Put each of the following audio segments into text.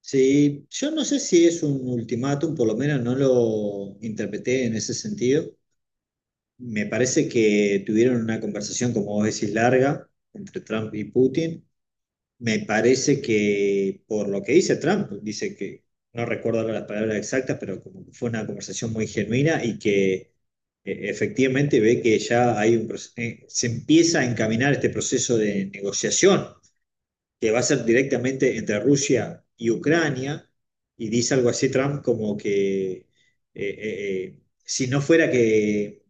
Sí, yo no sé si es un ultimátum, por lo menos no lo interpreté en ese sentido. Me parece que tuvieron una conversación, como vos decís, larga entre Trump y Putin. Me parece que, por lo que dice Trump, dice que, no recuerdo ahora las palabras exactas, pero como que fue una conversación muy genuina y que efectivamente ve que ya hay un, se empieza a encaminar este proceso de negociación que va a ser directamente entre Rusia y Ucrania, y dice algo así Trump como que eh, eh, si no fuera que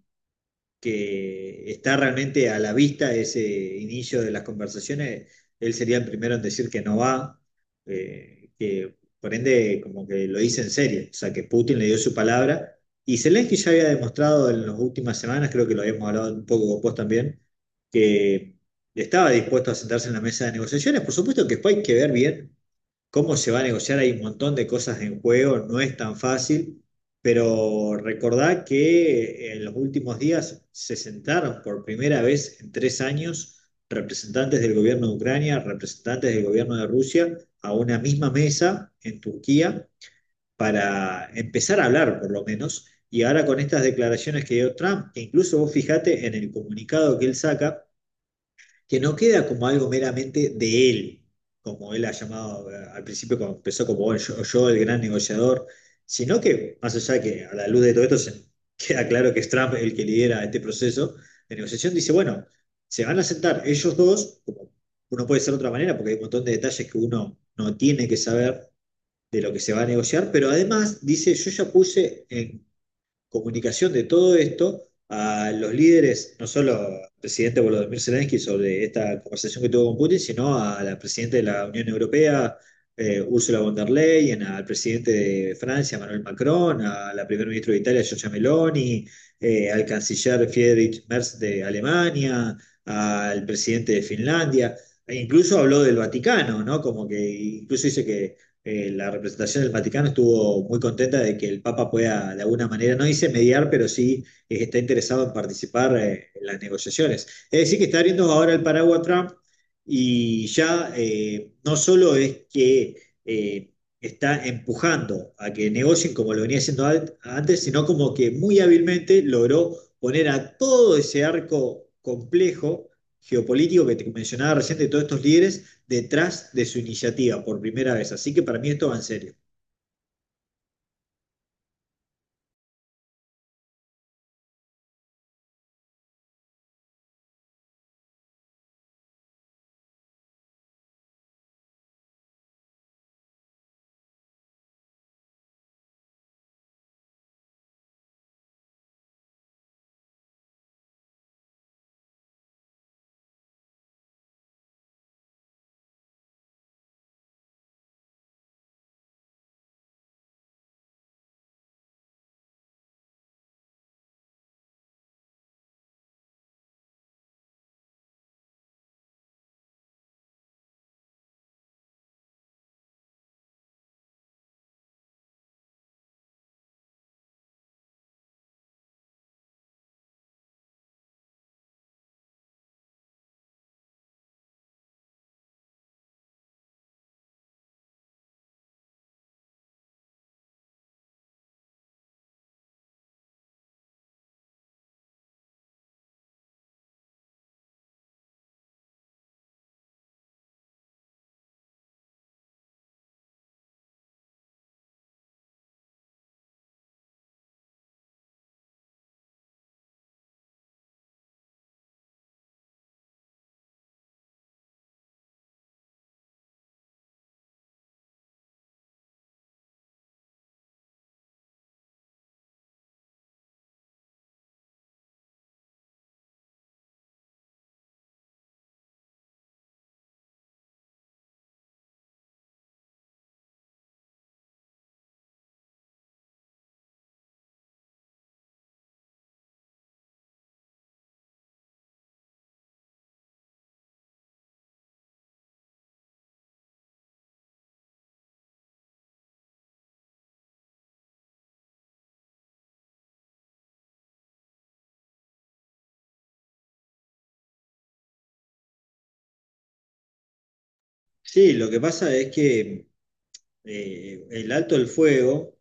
está realmente a la vista ese inicio de las conversaciones, él sería el primero en decir que no va, que por ende como que lo dice en serio, o sea que Putin le dio su palabra y Zelensky ya había demostrado en las últimas semanas, creo que lo habíamos hablado un poco con vos también, que estaba dispuesto a sentarse en la mesa de negociaciones, por supuesto que después hay que ver bien cómo se va a negociar, hay un montón de cosas en juego, no es tan fácil, pero recordad que en los últimos días se sentaron por primera vez en 3 años representantes del gobierno de Ucrania, representantes del gobierno de Rusia, a una misma mesa en Turquía para empezar a hablar, por lo menos. Y ahora con estas declaraciones que dio Trump, que incluso vos fijate en el comunicado que él saca, que no queda como algo meramente de él, como él ha llamado al principio, cuando empezó como bueno, yo el gran negociador, sino que, más allá de que a la luz de todo esto se queda claro que es Trump el que lidera este proceso de negociación, dice, bueno, se van a sentar ellos dos, como uno puede ser de otra manera, porque hay un montón de detalles que uno no tiene que saber de lo que se va a negociar, pero además dice, yo ya puse en comunicación de todo esto a los líderes, no solo al presidente Volodymyr Zelensky sobre esta conversación que tuvo con Putin, sino a la presidenta de la Unión Europea, Ursula von der Leyen, al presidente de Francia, Emmanuel Macron, a la primer ministra de Italia, Giorgia Meloni, al canciller Friedrich Merz de Alemania, al presidente de Finlandia. E incluso habló del Vaticano, ¿no? Como que incluso dice que la representación del Vaticano estuvo muy contenta de que el Papa pueda, de alguna manera, no dice mediar, pero sí está interesado en participar en las negociaciones. Es decir, que está abriendo ahora el paraguas Trump y ya no solo es que eh, está empujando a que negocien como lo venía haciendo antes, sino como que muy hábilmente logró poner a todo ese arco complejo geopolítico que te mencionaba recién de todos estos líderes detrás de su iniciativa por primera vez. Así que para mí esto va en serio. Sí, lo que pasa es que el alto el fuego,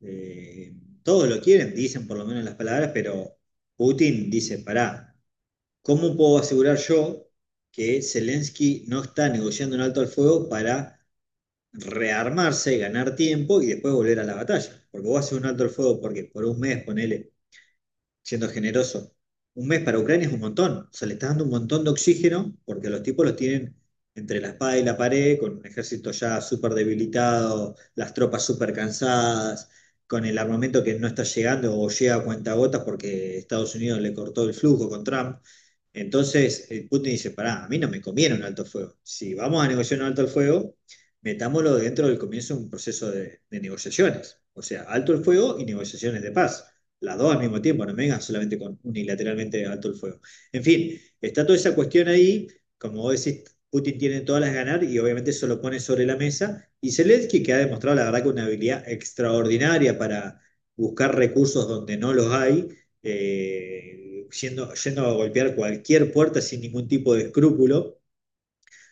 eh, todos lo quieren, dicen por lo menos las palabras, pero Putin dice, pará, ¿cómo puedo asegurar yo que Zelensky no está negociando un alto al fuego para rearmarse, ganar tiempo y después volver a la batalla? Porque vos haces un alto al fuego porque por un mes, ponele, siendo generoso. Un mes para Ucrania es un montón, o sea, le está dando un montón de oxígeno porque los tipos los tienen entre la espada y la pared, con un ejército ya súper debilitado, las tropas súper cansadas, con el armamento que no está llegando o llega a cuentagotas porque Estados Unidos le cortó el flujo con Trump. Entonces, Putin dice, pará, a mí no me conviene un alto el fuego. Si vamos a negociar un alto el fuego, metámoslo dentro del comienzo de un proceso de negociaciones. O sea, alto el fuego y negociaciones de paz las dos al mismo tiempo, no me vengan solamente con unilateralmente alto el fuego. En fin, está toda esa cuestión ahí, como vos decís, Putin tiene todas las ganar y obviamente eso lo pone sobre la mesa. Y Zelensky, que ha demostrado la verdad que una habilidad extraordinaria para buscar recursos donde no los hay, yendo a golpear cualquier puerta sin ningún tipo de escrúpulo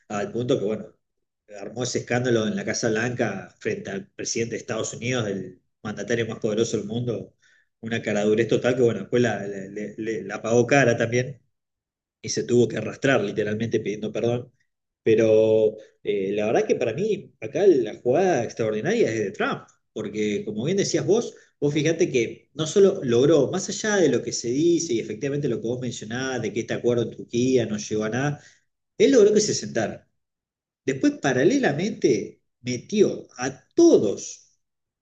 al punto que, bueno, armó ese escándalo en la Casa Blanca frente al presidente de Estados Unidos, el mandatario más poderoso del mundo, una caradurez total que, bueno, después la pagó cara también y se tuvo que arrastrar literalmente pidiendo perdón. Pero la verdad que para mí acá la jugada extraordinaria es de Trump, porque como bien decías vos, vos fíjate que no solo logró, más allá de lo que se dice y efectivamente lo que vos mencionabas, de que este acuerdo en Turquía no llegó a nada, él logró que se sentara. Después, paralelamente, metió a todos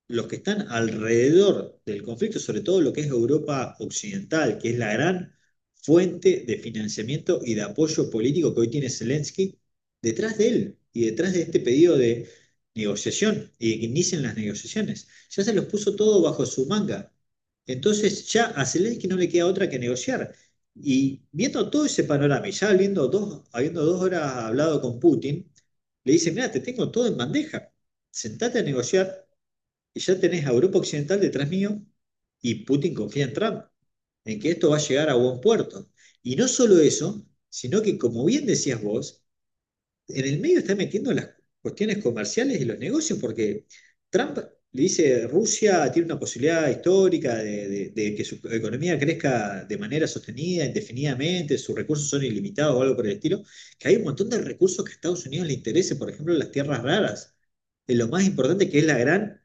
los que están alrededor del conflicto, sobre todo lo que es Europa Occidental, que es la gran fuente de financiamiento y de apoyo político que hoy tiene Zelensky, detrás de él y detrás de este pedido de negociación y de que inicien las negociaciones. Ya se los puso todo bajo su manga. Entonces ya a Zelensky no le queda otra que negociar. Y viendo todo ese panorama, y ya habiendo 2 horas hablado con Putin, le dice, mira, te tengo todo en bandeja, sentate a negociar y ya tenés a Europa Occidental detrás mío y Putin confía en Trump, en que esto va a llegar a buen puerto. Y no solo eso, sino que como bien decías vos, en el medio está metiendo las cuestiones comerciales y los negocios, porque Trump le dice, Rusia tiene una posibilidad histórica de que su economía crezca de manera sostenida, indefinidamente, sus recursos son ilimitados o algo por el estilo, que hay un montón de recursos que a Estados Unidos le interese, por ejemplo, las tierras raras. Es lo más importante que es la gran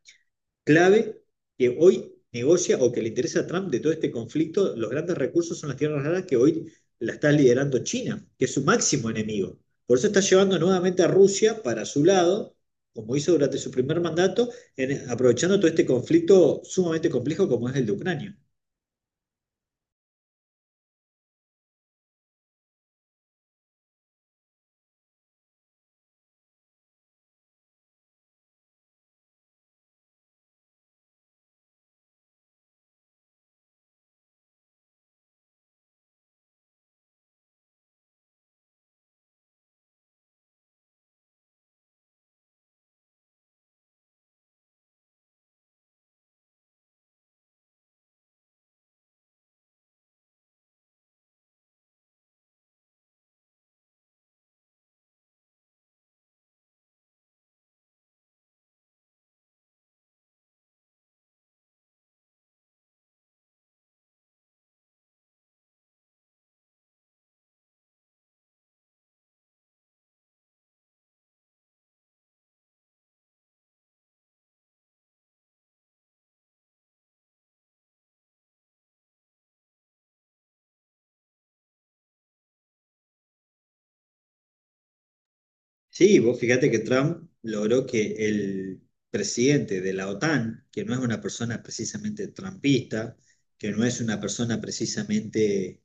clave que hoy negocia o que le interesa a Trump de todo este conflicto, los grandes recursos son las tierras raras que hoy la está liderando China, que es su máximo enemigo. Por eso está llevando nuevamente a Rusia para su lado, como hizo durante su primer mandato, en, aprovechando todo este conflicto sumamente complejo como es el de Ucrania. Sí, vos fíjate que Trump logró que el presidente de la OTAN, que no es una persona precisamente trumpista, que no es una persona precisamente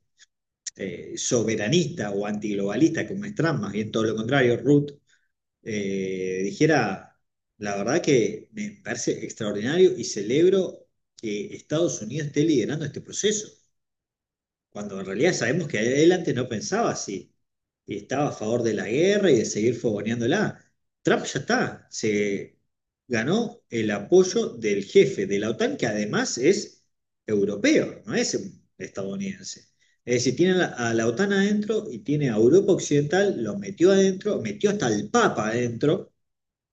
eh, soberanista o antiglobalista como es Trump, más bien todo lo contrario, Ruth, dijera, la verdad que me parece extraordinario y celebro que Estados Unidos esté liderando este proceso cuando en realidad sabemos que él antes no pensaba así y estaba a favor de la guerra y de seguir fogoneándola. Trump ya está, se ganó el apoyo del jefe de la OTAN, que además es europeo, no es estadounidense. Es decir, tiene a la, OTAN adentro y tiene a Europa Occidental, lo metió adentro, metió hasta el Papa adentro,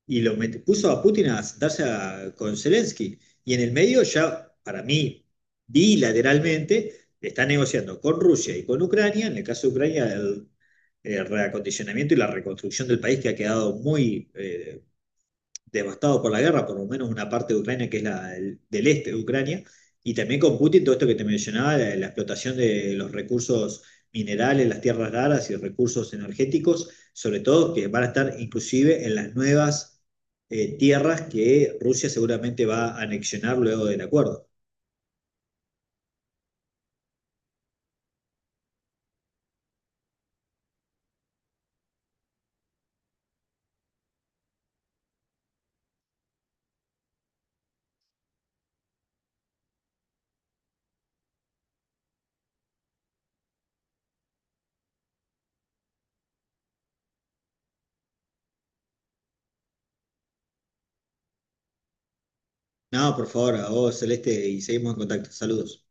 y lo puso a Putin a sentarse con Zelensky. Y en el medio ya, para mí, bilateralmente, está negociando con Rusia y con Ucrania, en el caso de Ucrania, el reacondicionamiento y la reconstrucción del país que ha quedado muy devastado por la guerra, por lo menos una parte de Ucrania que es la del este de Ucrania, y también con Putin todo esto que te mencionaba, la explotación de los recursos minerales, las tierras raras y recursos energéticos, sobre todo que van a estar inclusive en las nuevas tierras que Rusia seguramente va a anexionar luego del acuerdo. No, por favor, a vos Celeste y seguimos en contacto. Saludos.